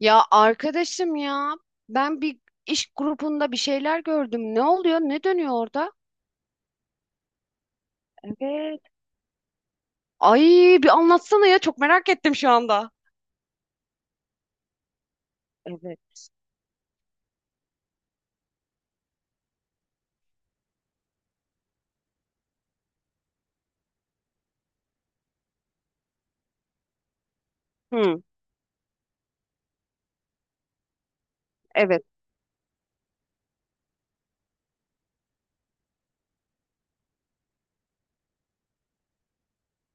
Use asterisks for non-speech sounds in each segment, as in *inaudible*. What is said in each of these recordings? Ya arkadaşım ya ben bir iş grubunda bir şeyler gördüm. Ne oluyor? Ne dönüyor orada? Evet, Ay bir anlatsana ya çok merak ettim şu anda. Evet. Hı, evet.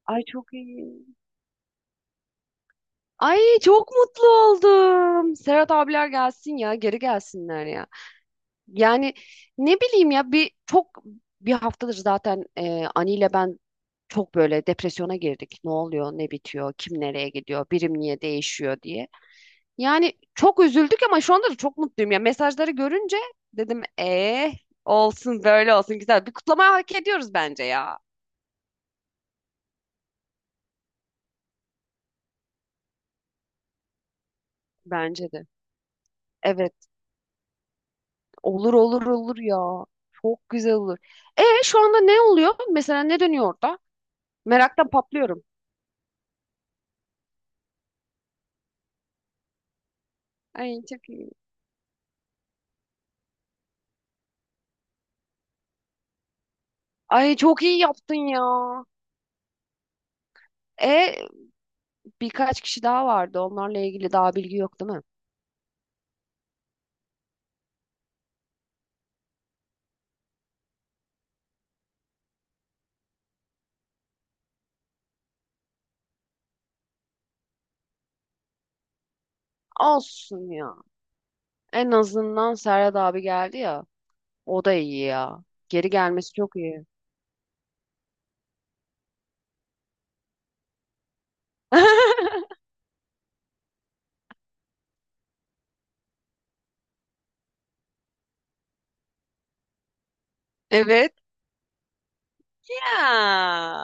Ay çok iyi. Ay çok mutlu oldum. Serhat abiler gelsin ya geri gelsinler ya. Yani ne bileyim ya bir çok bir haftadır zaten Ani ile ben çok böyle depresyona girdik. Ne oluyor, ne bitiyor, kim nereye gidiyor, birim niye değişiyor diye. Yani çok üzüldük ama şu anda da çok mutluyum. Ya mesajları görünce dedim eh olsun böyle olsun güzel. Bir kutlama hak ediyoruz bence ya. Bence de. Evet, olur olur olur ya. Çok güzel olur. E şu anda ne oluyor? Mesela ne dönüyor orada? Meraktan patlıyorum. Ay çok iyi. Ay çok iyi yaptın ya. E birkaç kişi daha vardı. Onlarla ilgili daha bilgi yok değil mi? Olsun ya. En azından Serhat abi geldi ya. O da iyi ya. Geri gelmesi çok iyi. *laughs* Evet. Ya.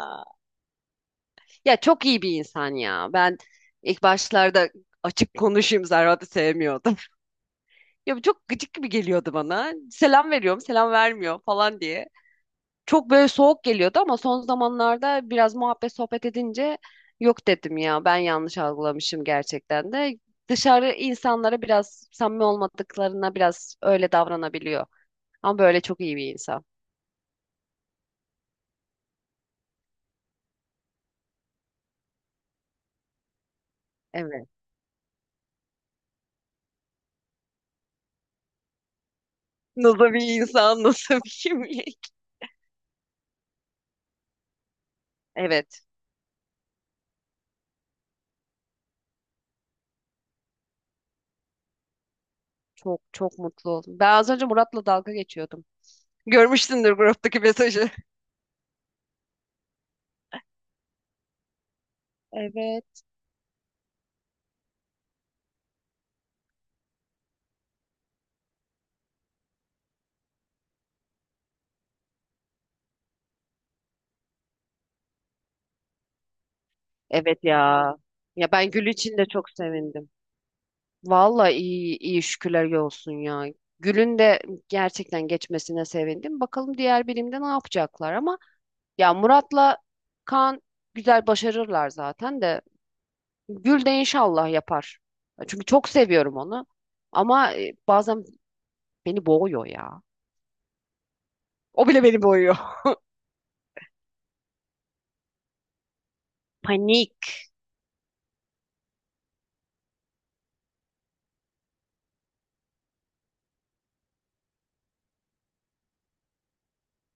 Ya çok iyi bir insan ya. Ben ilk başlarda açık konuşayım Serhat'ı sevmiyordum. *laughs* Ya bu çok gıcık gibi geliyordu bana. Selam veriyorum, selam vermiyor falan diye. Çok böyle soğuk geliyordu ama son zamanlarda biraz muhabbet sohbet edince yok dedim ya. Ben yanlış algılamışım gerçekten de. Dışarı insanlara biraz samimi olmadıklarına biraz öyle davranabiliyor. Ama böyle çok iyi bir insan. Evet. Nasıl bir insan, *laughs* nasıl bir kimlik? Evet. Çok çok mutlu oldum. Ben az önce Murat'la dalga geçiyordum. *laughs* Görmüşsündür gruptaki mesajı. Evet. Evet ya. Ya ben Gül için de çok sevindim. Vallahi iyi iyi şükürler olsun ya. Gül'ün de gerçekten geçmesine sevindim. Bakalım diğer birimde ne yapacaklar ama ya Murat'la Kaan güzel başarırlar zaten de Gül de inşallah yapar. Çünkü çok seviyorum onu. Ama bazen beni boğuyor ya. O bile beni boğuyor. *laughs* Panik.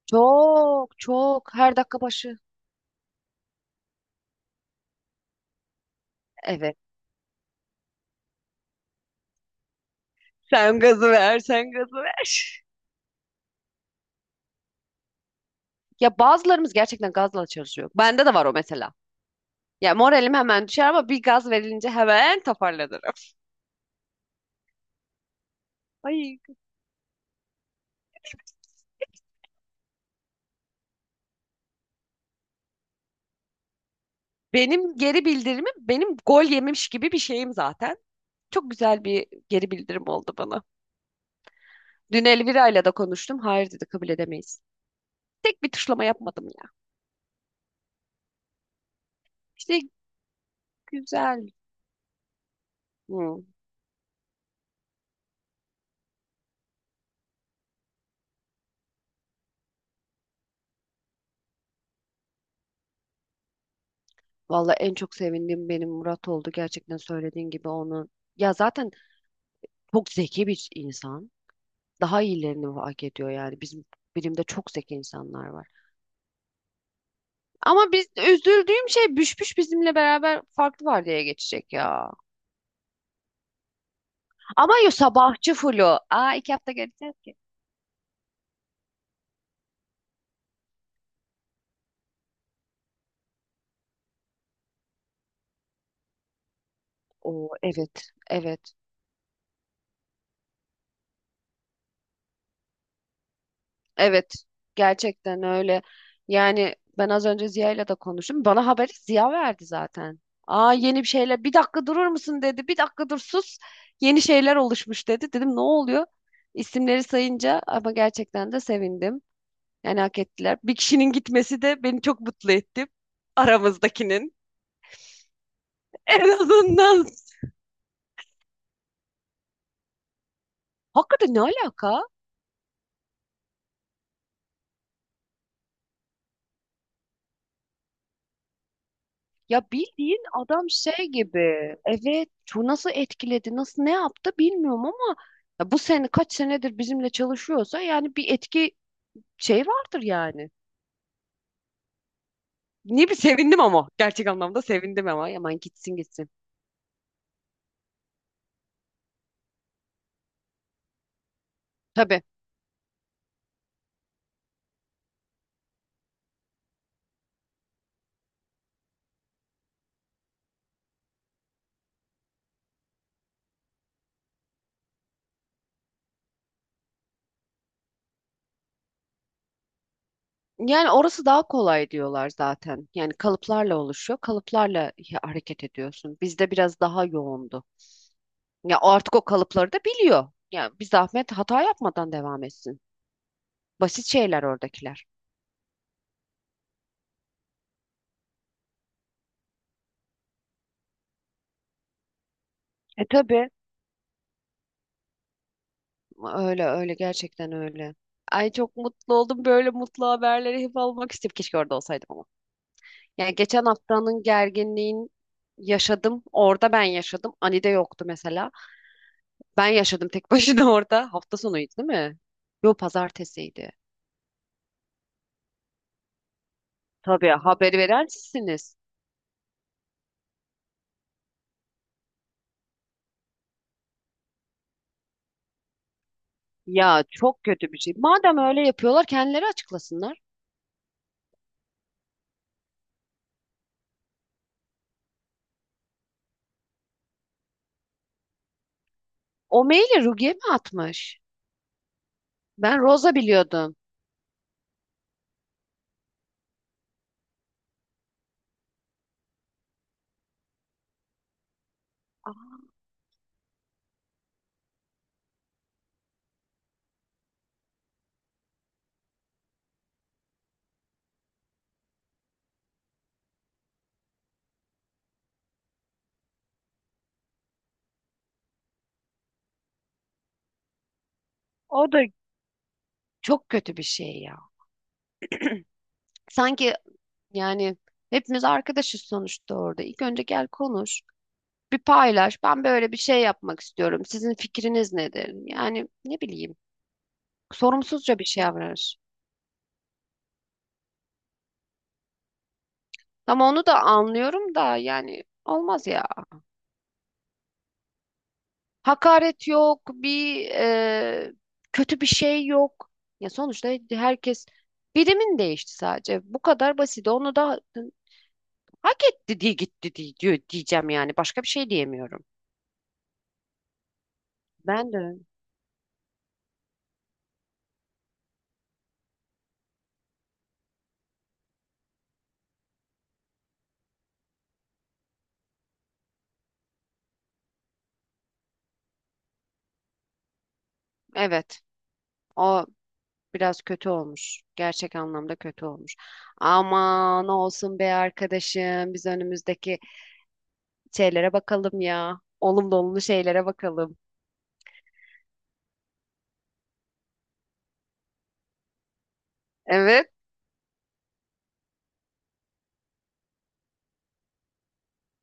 Çok çok her dakika başı. Evet. Sen gazı ver, sen gazı ver. Ya bazılarımız gerçekten gazla çalışıyor. Bende de var o mesela. Ya moralim hemen düşer ama bir gaz verilince hemen toparlanırım. Ay. Benim geri bildirimim benim gol yemiş gibi bir şeyim zaten. Çok güzel bir geri bildirim oldu bana. Dün Elvira ile de konuştum. Hayır dedi kabul edemeyiz. Tek bir tuşlama yapmadım ya. İşte güzel. Hı. Vallahi en çok sevindiğim benim Murat oldu. Gerçekten söylediğin gibi onu. Ya zaten çok zeki bir insan. Daha iyilerini hak ediyor yani. Bizim birimde çok zeki insanlar var. Ama biz üzüldüğüm şey Büşbüş bizimle beraber farklı vardiyaya geçecek ya. Ama yo sabahçı fulu. Aa 2 hafta geleceğiz ki. Oo evet. Evet. Evet, gerçekten öyle. Yani ben az önce Ziya'yla da konuştum. Bana haberi Ziya verdi zaten. Aa yeni bir şeyler. Bir dakika durur musun dedi. Bir dakika dur sus. Yeni şeyler oluşmuş dedi. Dedim ne oluyor? İsimleri sayınca ama gerçekten de sevindim. Yani hak ettiler. Bir kişinin gitmesi de beni çok mutlu etti. Aramızdakinin. *laughs* En azından. Hakikaten ne alaka? Ya bildiğin adam şey gibi. Evet, şu nasıl etkiledi, nasıl ne yaptı bilmiyorum ama ya bu sene kaç senedir bizimle çalışıyorsa yani bir etki şey vardır yani. Ne bir sevindim ama gerçek anlamda sevindim ama yaman gitsin gitsin. Tabii. Yani orası daha kolay diyorlar zaten. Yani kalıplarla oluşuyor. Kalıplarla ya- hareket ediyorsun. Bizde biraz daha yoğundu. Ya artık o kalıpları da biliyor. Ya bir zahmet hata yapmadan devam etsin. Basit şeyler oradakiler. E tabii. Öyle öyle gerçekten öyle. Ay çok mutlu oldum. Böyle mutlu haberleri hep almak istedim. Keşke orada olsaydım ama. Yani geçen haftanın gerginliğini yaşadım. Orada ben yaşadım. Ani de yoktu mesela. Ben yaşadım tek *laughs* başına orada. Hafta sonuydu değil mi? Yo pazartesiydi. Tabii haberi veren sizsiniz. Ya çok kötü bir şey. Madem öyle yapıyorlar kendileri açıklasınlar. O maili Rugi'ye mi atmış? Ben Rosa biliyordum. Aa, o da çok kötü bir şey ya. Sanki yani hepimiz arkadaşız sonuçta orada. İlk önce gel konuş. Bir paylaş. Ben böyle bir şey yapmak istiyorum. Sizin fikriniz nedir? Yani ne bileyim. Sorumsuzca bir şey yapar. Ama onu da anlıyorum da yani olmaz ya. Hakaret yok, bir kötü bir şey yok. Ya sonuçta herkes birimin değişti sadece. Bu kadar basit. Onu da hak etti diye gitti diye diyor diyeceğim yani. Başka bir şey diyemiyorum. Ben de. Evet. O biraz kötü olmuş. Gerçek anlamda kötü olmuş. Aman olsun be arkadaşım. Biz önümüzdeki şeylere bakalım ya. Olumlu olumlu şeylere bakalım. Evet.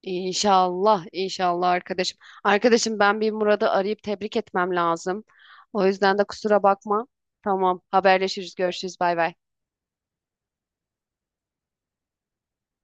İnşallah, inşallah arkadaşım. Arkadaşım ben bir Murat'ı arayıp tebrik etmem lazım. O yüzden de kusura bakma. Tamam, haberleşiriz, görüşürüz, bay bay.